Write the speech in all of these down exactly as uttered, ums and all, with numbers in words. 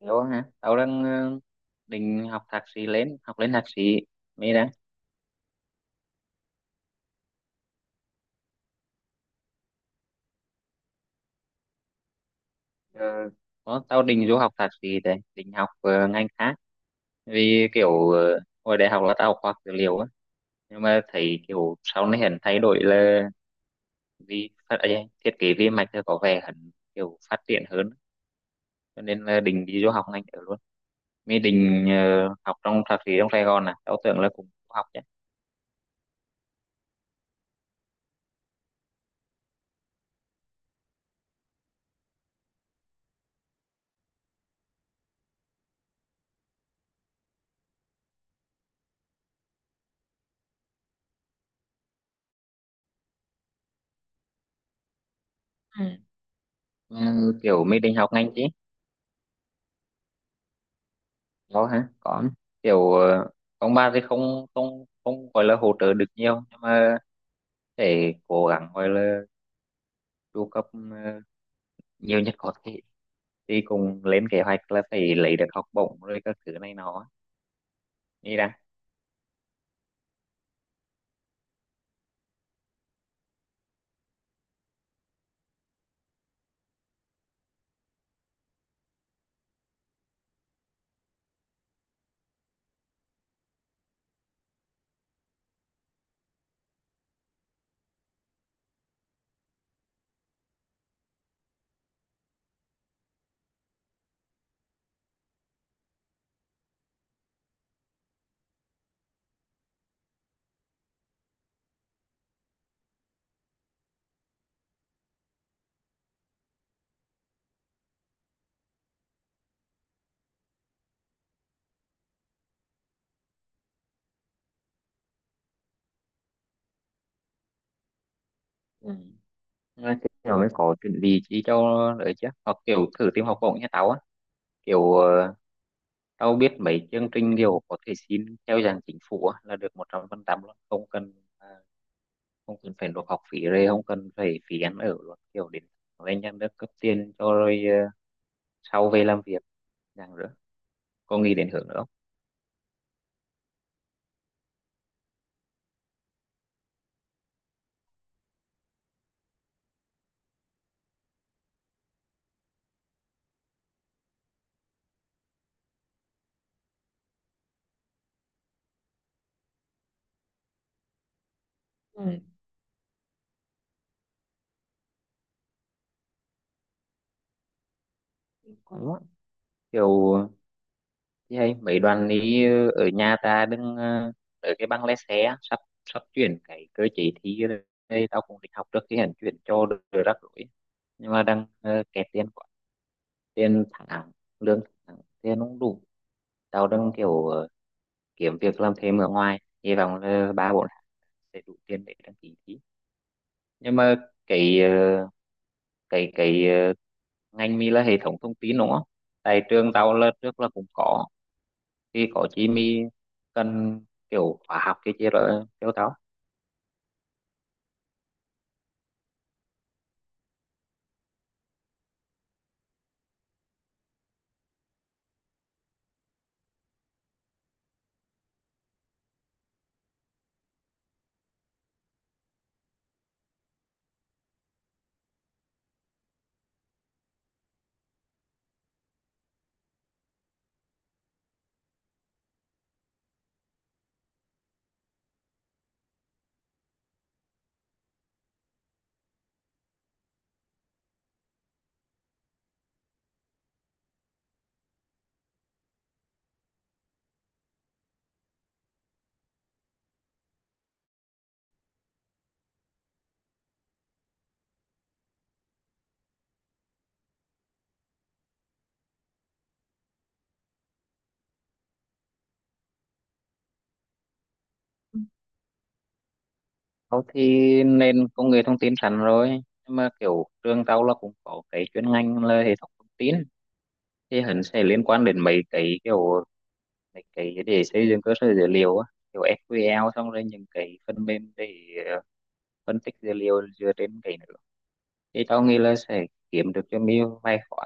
Hiểu hả? Tao đang ờ, định học thạc sĩ lên, học lên thạc sĩ. Mới đã. Ờ, có, tao định du học thạc sĩ đấy, định học ờ, ngành khác. Vì kiểu ờ, hồi đại học là tao học khoa học dữ liệu á. Nhưng mà thấy kiểu sau này hẳn thay đổi là vì phát, ấy, thiết kế vi mạch thì có vẻ hẳn kiểu phát triển hơn. Cho nên là định đi du học ngành ở luôn. Mới định ờ, học trong thạc sĩ trong Sài Gòn à. Tao tưởng là cũng học chứ. Ừ. Ừ, kiểu mới định học ngành chứ. Có hả? Có. Kiểu ờ, ông bà thì không không không gọi là hỗ trợ được nhiều, nhưng mà phải cố gắng gọi là chu cấp ờ, nhiều nhất có thể, thì cùng lên kế hoạch là phải lấy được học bổng rồi các thứ này nó đi đã. Ừ. Mà kiểu mới có chuẩn bị chi cho đỡ chứ, hoặc kiểu thử tìm học bổng nha tao á, kiểu ờ, tao biết mấy chương trình kiểu có thể xin theo dạng chính phủ á, là được một trăm phần trăm luôn, không cần à, không cần phải nộp học phí, rồi không cần phải phí ăn ở luôn, kiểu đến lên nhà nước cấp tiền cho, rồi ờ, sau về làm việc dạng nữa. Có nghĩ đến hướng nữa không? Ừ. Đúng á. Kiểu thì hay mấy đoàn đi ờ, ở nhà ta đứng ờ, ở cái băng lái xe á, sắp sắp chuyển cái cơ chế thi rồi, đây tao cũng định học trước khi hành chuyển cho được, rồi rắc rối. Nhưng mà đang ờ, kẹt tiền quá, tiền tháng, lương tháng, tiền không đủ. Tao đang kiểu ờ, kiếm việc làm thêm ở ngoài, hy vọng là ba bốn tháng sẽ đủ tiền để đăng ký thi. Nhưng mà cái ờ, cái cái ờ, ngành mi là hệ thống thông tin đúng không? Tại trường tao là trước là cũng có, thì có chi mi cần kiểu khóa học cái chi rồi kêu tao. Tao thì nên công nghệ thông tin sẵn rồi, nhưng mà kiểu trường tao là cũng có cái chuyên ngành là hệ thống thông tin, thì hẳn sẽ liên quan đến mấy cái kiểu mấy cái để xây dựng cơ sở dữ liệu á, kiểu S Q L, xong rồi những cái phần mềm để ờ, phân tích dữ liệu dựa trên cái nữa. Thì tao nghĩ là sẽ kiếm được cho mình vài khóa.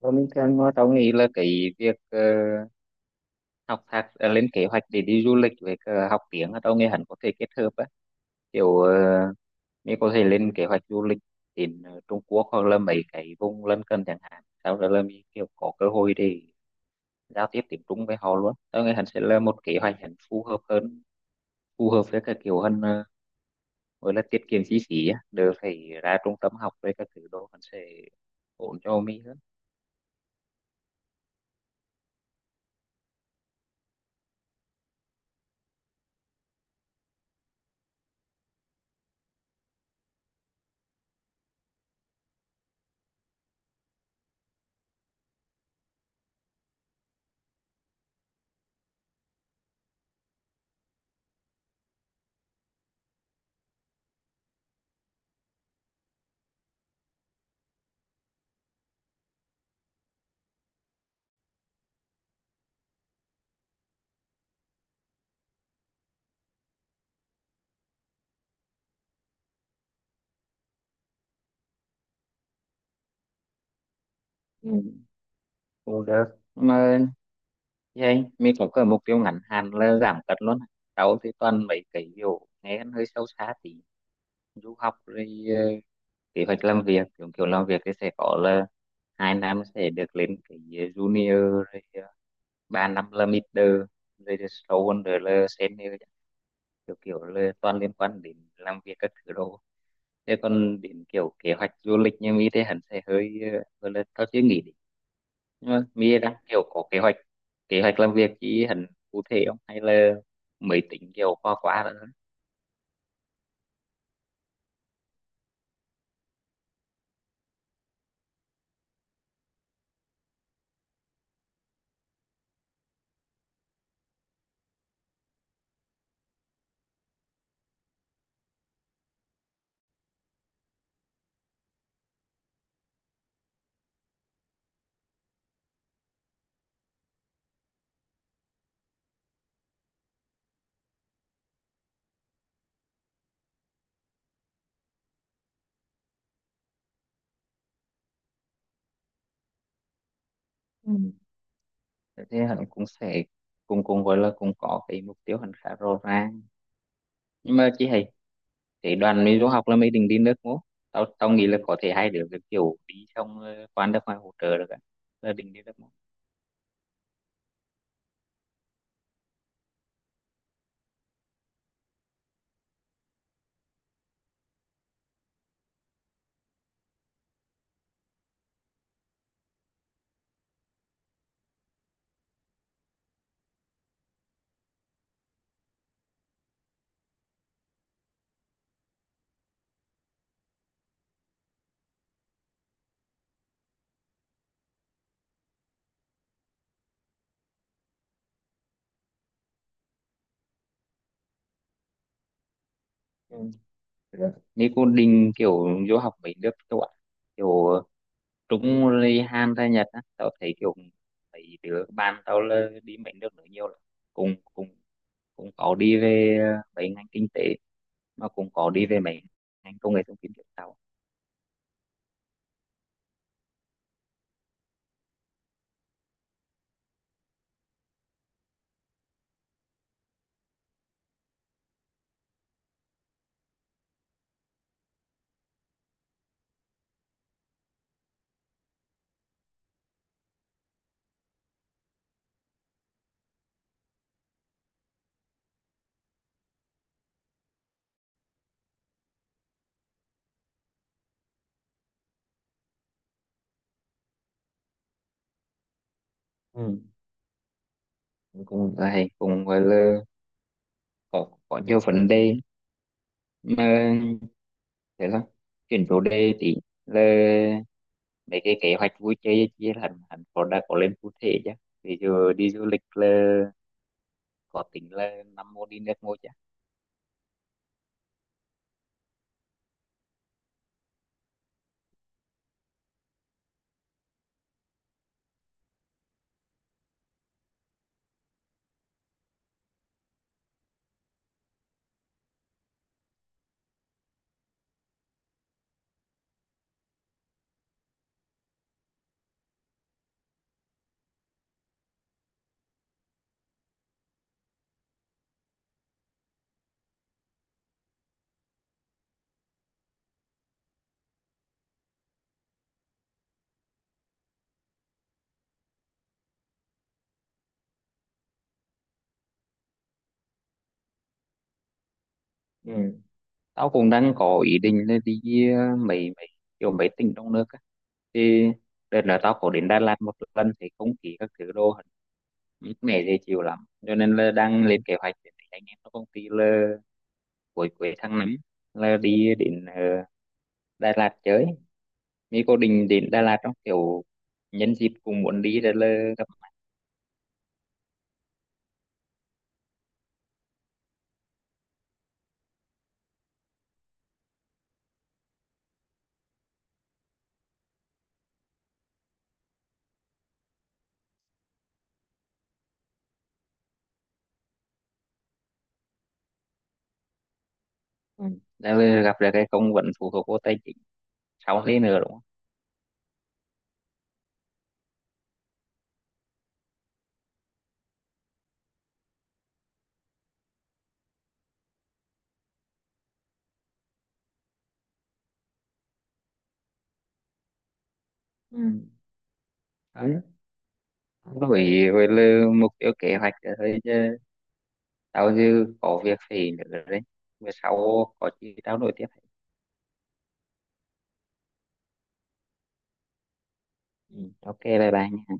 Và mình thường mà tao nghĩ là cái việc ờ, học thạc ờ, lên kế hoạch để đi du lịch với cả học tiếng á, tao nghĩ hẳn có thể kết hợp á. Kiểu ờ, mình có thể lên kế hoạch du lịch đến ờ, Trung Quốc hoặc là mấy cái vùng lân cận chẳng hạn, sau đó là mình kiểu có cơ hội để giao tiếp tiếng Trung với họ luôn. Tao nghĩ hẳn sẽ là một kế hoạch hẳn phù hợp hơn, phù hợp với cả kiểu hơn, ờ, gọi là tiết kiệm chi phí á, đỡ phải ra trung tâm học với các thứ đồ, hẳn sẽ ổn cho mình hơn. Ừ, cũng được. Mà vậy mình có cái mục tiêu ngắn hạn là giảm cân luôn. Sáu thì toàn mấy cái kiểu nghe ăn hơi sâu xa tí. Du học rồi ờ, kế hoạch làm việc, kiểu kiểu làm việc thì sẽ có là hai năm sẽ được lên cái ờ, junior, rồi ờ, ba năm là middle, rồi thì sâu hơn rồi là senior. Kiểu kiểu là toàn liên quan đến làm việc các thứ đồ. Thế còn đến kiểu kế hoạch du lịch như mỹ thế hẳn sẽ hơi ờ, gọi là tao chưa nghĩ. Nhưng mà Mia đang kiểu có kế hoạch kế hoạch làm việc chỉ hẳn cụ thể không, hay là mới tính kiểu qua qua nữa? Ừ. Thế hẳn cũng sẽ cùng cùng gọi là cũng có cái mục tiêu hẳn khá rõ ràng, nhưng mà chị hay cái đoàn mình du học là mình định đi nước ngố. Tao tao nghĩ là có thể hai đứa cái kiểu đi xong ờ, qua nước ngoài hỗ trợ được ạ, là định đi nước ngố. Ừ. Nếu cô định kiểu du học mấy nước châu Á, kiểu trúng ly han ra Nhật á, tao thấy kiểu mấy đứa bạn tao là đi mấy nước nữa nhiều lắm, cùng cùng cũng có đi về ờ, mấy ngành kinh tế, mà cũng có đi về mấy ngành công nghệ thông tin kiểu tao. Ừ. Cũng hay, cũng gọi là có có nhiều vấn đề, mà thế là chuyển chủ đề tí, là mấy cái kế hoạch vui chơi chia hẳn hẳn có đã có lên cụ thể chứ? Ví dụ đi du lịch là có tính là năm mô đi nước mô chứ? Ừ. Tao cũng đang có ý định là đi ờ, mấy mấy kiểu mấy tỉnh trong nước á. Thì đợt là tao có đến Đà Lạt một lần thì không khí các thứ đồ mát mẻ dễ chịu lắm. Cho nên là đang lên kế hoạch để anh em trong công ty là cuối cuối tháng năm là đi đến ờ, Đà Lạt chơi. Mỹ có định đến Đà Lạt trong kiểu nhân dịp cùng muốn đi rồi là gặp mặt. Ừ. Rồi là gặp được cái công vẫn phụ thuộc vô tài chính sau thế nữa đúng không? Ừ. Đấy. Với với là mục tiêu kế hoạch là rồi, tao dư có việc phải nữa đấy, bữa sau có gì tao nói tiếp. Ừ, ok bye bye nha